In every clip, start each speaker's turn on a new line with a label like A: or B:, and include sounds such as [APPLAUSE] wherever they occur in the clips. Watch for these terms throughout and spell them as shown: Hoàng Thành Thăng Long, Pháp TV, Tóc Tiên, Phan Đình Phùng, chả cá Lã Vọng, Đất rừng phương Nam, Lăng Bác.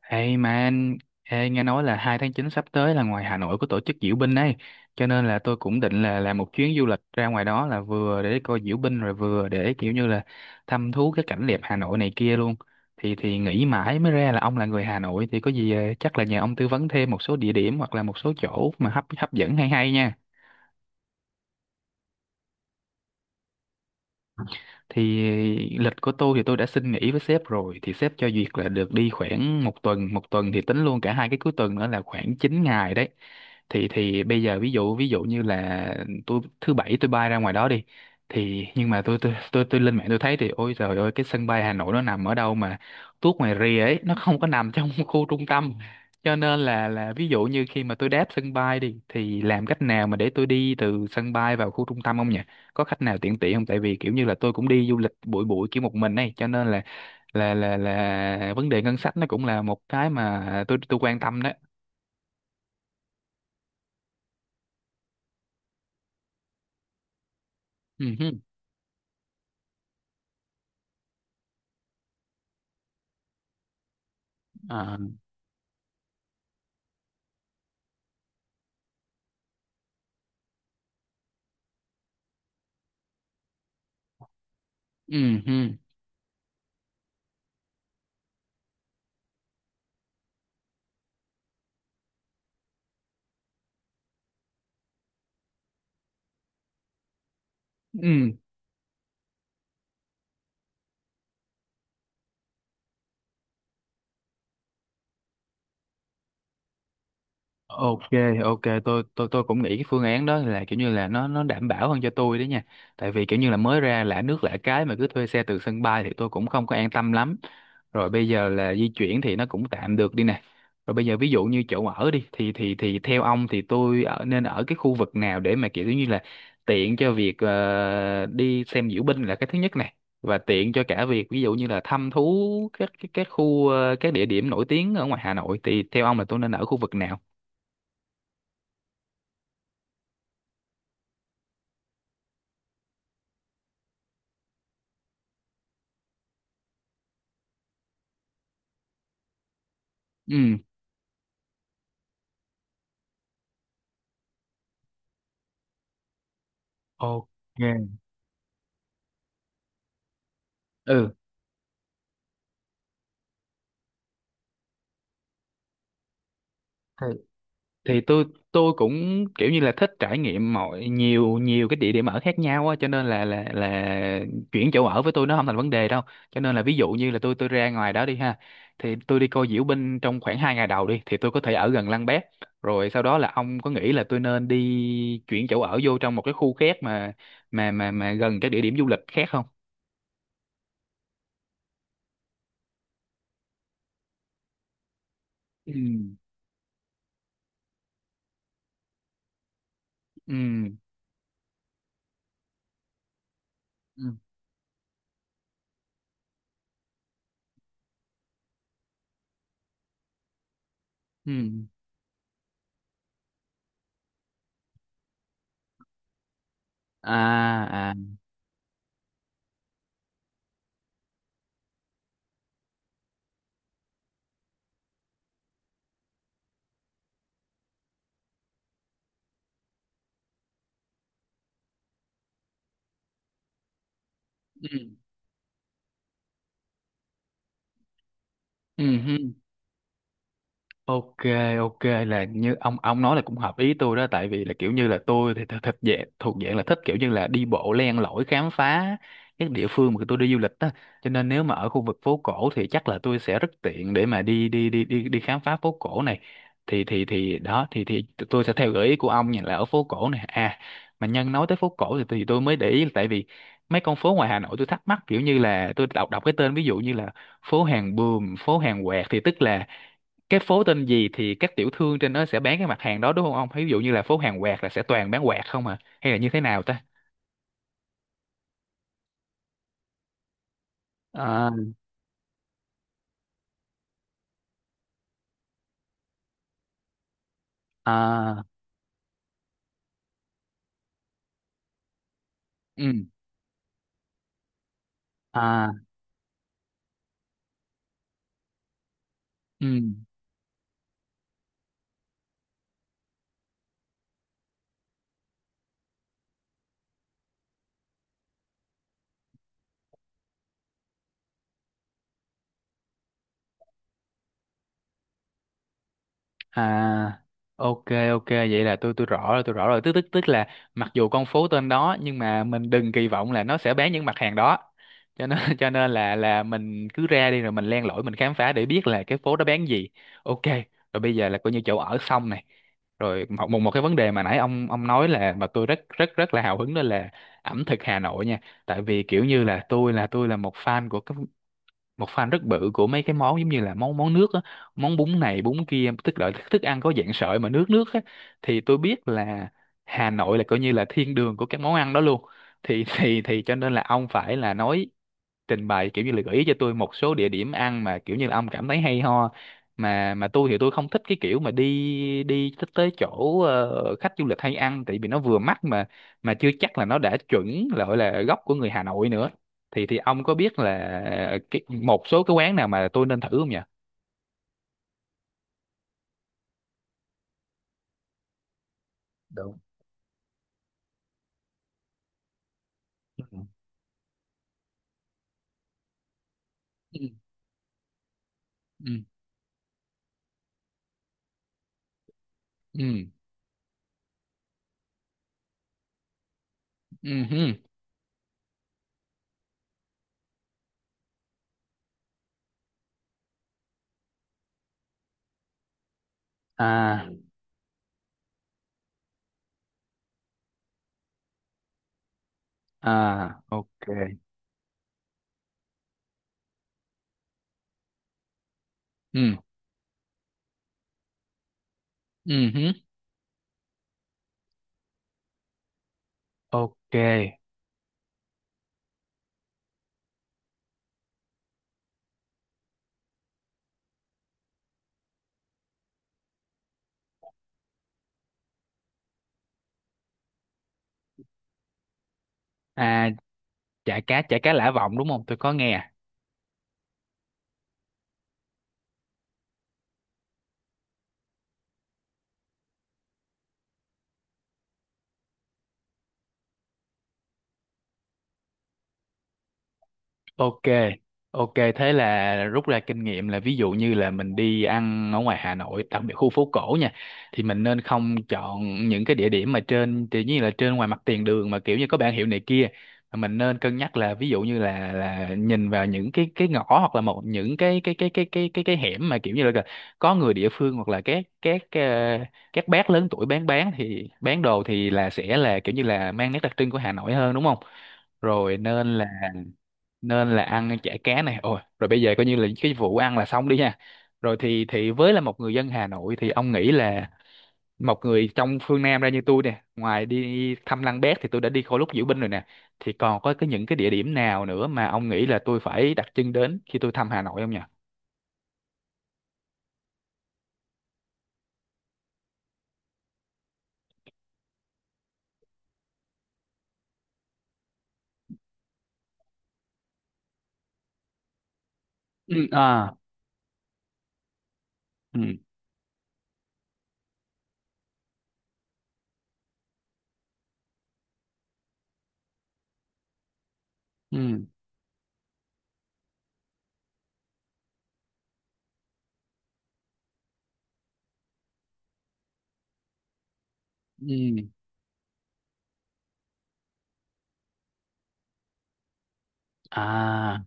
A: Hey man, ê, nghe nói là 2 tháng 9 sắp tới là ngoài Hà Nội có tổ chức diễu binh ấy, cho nên là tôi cũng định là làm một chuyến du lịch ra ngoài đó là vừa để coi diễu binh rồi vừa để kiểu như là thăm thú cái cảnh đẹp Hà Nội này kia luôn. Thì nghĩ mãi mới ra là ông là người Hà Nội thì có gì chắc là nhờ ông tư vấn thêm một số địa điểm hoặc là một số chỗ mà hấp hấp dẫn hay hay nha. Thì lịch của tôi thì tôi đã xin nghỉ với sếp rồi thì sếp cho duyệt là được đi khoảng một tuần thì tính luôn cả hai cái cuối tuần nữa là khoảng 9 ngày đấy. Thì bây giờ ví dụ như là tôi thứ bảy tôi bay ra ngoài đó đi. Thì nhưng mà tôi lên mạng tôi thấy thì ôi trời ơi, cái sân bay Hà Nội nó nằm ở đâu mà tuốt ngoài rìa ấy, nó không có nằm trong [LAUGHS] khu trung tâm, cho nên là ví dụ như khi mà tôi đáp sân bay đi thì làm cách nào mà để tôi đi từ sân bay vào khu trung tâm không nhỉ? Có khách nào tiện tiện không? Tại vì kiểu như là tôi cũng đi du lịch bụi bụi kiểu một mình này, cho nên là vấn đề ngân sách nó cũng là một cái mà tôi quan tâm đó. Ừ hứ. À. Ừ hứ. Ừ. Ok, ok, tôi cũng nghĩ cái phương án đó là kiểu như là nó đảm bảo hơn cho tôi đấy nha. Tại vì kiểu như là mới ra lạ nước lạ cái mà cứ thuê xe từ sân bay thì tôi cũng không có an tâm lắm. Rồi bây giờ là di chuyển thì nó cũng tạm được đi nè. Rồi bây giờ ví dụ như chỗ ở đi thì theo ông thì tôi ở nên ở cái khu vực nào để mà kiểu như là tiện cho việc đi xem diễu binh là cái thứ nhất này, và tiện cho cả việc ví dụ như là thăm thú các khu các địa điểm nổi tiếng ở ngoài Hà Nội. Thì theo ông là tôi nên ở khu vực nào? Ừ. Ok. Ừ, thì tôi cũng kiểu như là thích trải nghiệm mọi nhiều nhiều cái địa điểm ở khác nhau á, cho nên là chuyển chỗ ở với tôi nó không thành vấn đề đâu. Cho nên là ví dụ như là tôi ra ngoài đó đi ha, thì tôi đi coi diễu binh trong khoảng 2 ngày đầu đi thì tôi có thể ở gần Lăng Bác. Rồi sau đó là ông có nghĩ là tôi nên đi chuyển chỗ ở vô trong một cái khu khác mà gần các địa điểm du lịch khác không? Ừ. Ừ. Ừ. Ừ. À. À. Ừ. Ừ. Ok, ok là như ông nói là cũng hợp ý tôi đó. Tại vì là kiểu như là tôi thì thật thật thuộc dạng là thích kiểu như là đi bộ len lỏi khám phá các địa phương mà tôi đi du lịch á. Cho nên nếu mà ở khu vực phố cổ thì chắc là tôi sẽ rất tiện để mà đi đi đi đi đi khám phá phố cổ này. Thì đó thì tôi sẽ theo gợi ý của ông nha là ở phố cổ này. À, mà nhân nói tới phố cổ thì tôi mới để ý là tại vì mấy con phố ngoài Hà Nội tôi thắc mắc kiểu như là tôi đọc đọc cái tên ví dụ như là phố hàng Buồm, phố hàng Quẹt thì tức là cái phố tên gì thì các tiểu thương trên đó sẽ bán cái mặt hàng đó đúng không ông? Ví dụ như là phố hàng quạt là sẽ toàn bán quạt không à? Hay là như thế nào ta? À. À. Ừ. À. Ừ. À. Ok, ok vậy là tôi rõ rồi, tôi rõ rồi, tức tức tức là mặc dù con phố tên đó nhưng mà mình đừng kỳ vọng là nó sẽ bán những mặt hàng đó, cho nên [LAUGHS] cho nên là mình cứ ra đi rồi mình len lỏi mình khám phá để biết là cái phố đó bán gì. Ok. Rồi bây giờ là coi như chỗ ở xong này. Rồi một một một cái vấn đề mà nãy ông nói là mà tôi rất rất rất là hào hứng đó là ẩm thực Hà Nội nha. Tại vì kiểu như là tôi là một fan rất bự của mấy cái món giống như là món món nước á, món bún này bún kia, tức là thức ăn có dạng sợi mà nước nước á. Thì tôi biết là Hà Nội là coi như là thiên đường của các món ăn đó luôn. Thì [LAUGHS] thì cho nên là ông phải là trình bày kiểu như là gợi ý cho tôi một số địa điểm ăn mà kiểu như là ông cảm thấy hay ho. Mà tôi thì tôi không thích cái kiểu mà đi đi tới tới chỗ khách du lịch hay ăn, tại vì nó vừa mắc mà chưa chắc là nó đã chuẩn là gọi là gốc của người Hà Nội nữa. Thì ông có biết là cái, một số cái quán nào mà tôi nên thử không nhỉ? Đúng. Ừ. Ừ. Ừ. Ừ hứ. À. À. Ok. Ừ. Ừ hứ. Ok. À, chả cá Lã Vọng, đúng không? Tôi có nghe. Ok, ok thế là rút ra kinh nghiệm là ví dụ như là mình đi ăn ở ngoài Hà Nội, đặc biệt khu phố cổ nha, thì mình nên không chọn những cái địa điểm mà trên tự nhiên là trên ngoài mặt tiền đường mà kiểu như có bảng hiệu này kia. Mà mình nên cân nhắc là ví dụ như là nhìn vào những cái ngõ hoặc là một những cái hẻm mà kiểu như là có người địa phương hoặc là các bác lớn tuổi bán thì bán đồ thì là sẽ là kiểu như là mang nét đặc trưng của Hà Nội hơn đúng không? Rồi nên nên là ăn chả cá này, ôi rồi bây giờ coi như là cái vụ ăn là xong đi ha. Rồi thì với là một người dân Hà Nội thì ông nghĩ là một người trong phương Nam ra như tôi nè, ngoài đi thăm Lăng Bác thì tôi đã đi Khổ Lúc Diễu Binh rồi nè, thì còn có cái những cái địa điểm nào nữa mà ông nghĩ là tôi phải đặt chân đến khi tôi thăm Hà Nội không nhỉ? Ừ. À. Ừ. Ừ. Ừ. À.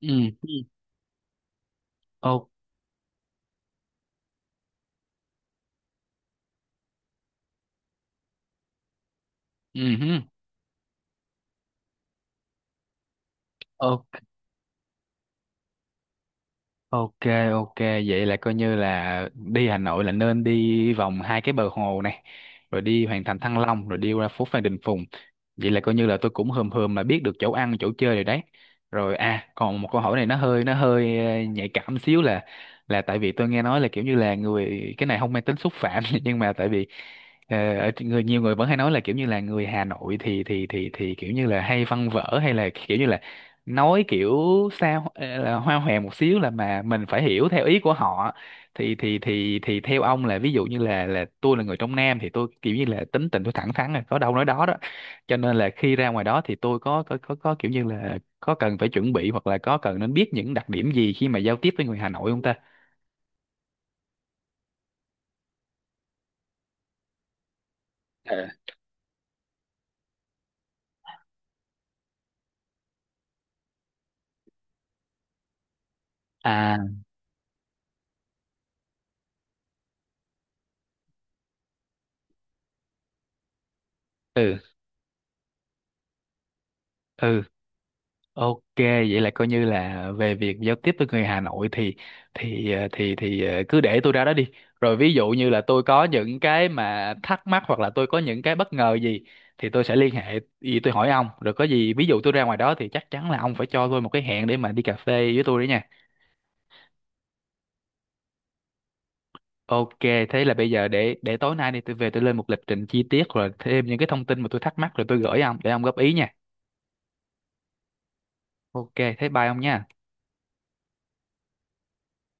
A: Ừ. Ừ. Ô. Ừ hứ. Ok, ok, vậy là coi như là đi Hà Nội là nên đi vòng hai cái bờ hồ này, rồi đi Hoàng Thành Thăng Long, rồi đi qua phố Phan Đình Phùng. Vậy là coi như là tôi cũng hờm hờm là biết được chỗ ăn, chỗ chơi rồi đấy. Rồi à, còn một câu hỏi này nó hơi nhạy cảm xíu, là tại vì tôi nghe nói là kiểu như là người, cái này không mang tính xúc phạm [LAUGHS] nhưng mà tại vì ờ, ở người nhiều người vẫn hay nói là kiểu như là người Hà Nội thì kiểu như là hay văn vở hay là kiểu như là nói kiểu sao là hoa hòe một xíu là mà mình phải hiểu theo ý của họ. Thì theo ông là ví dụ như là tôi là người trong Nam thì tôi kiểu như là tính tình tôi thẳng thắn là có đâu nói đó đó, cho nên là khi ra ngoài đó thì tôi có kiểu như là có cần phải chuẩn bị hoặc là có cần nên biết những đặc điểm gì khi mà giao tiếp với người Hà Nội không ta? Ờ. À. Ừ. Ừ. Ok, vậy là coi như là về việc giao tiếp với người Hà Nội thì cứ để tôi ra đó đi. Rồi ví dụ như là tôi có những cái mà thắc mắc hoặc là tôi có những cái bất ngờ gì thì tôi sẽ liên hệ gì tôi hỏi ông. Rồi có gì ví dụ tôi ra ngoài đó thì chắc chắn là ông phải cho tôi một cái hẹn để mà đi cà phê với tôi đấy nha. Ok, thế là bây giờ để tối nay đi tôi về tôi lên một lịch trình chi tiết rồi thêm những cái thông tin mà tôi thắc mắc rồi tôi gửi ông để ông góp ý nha. Ok, thế bye ông nha.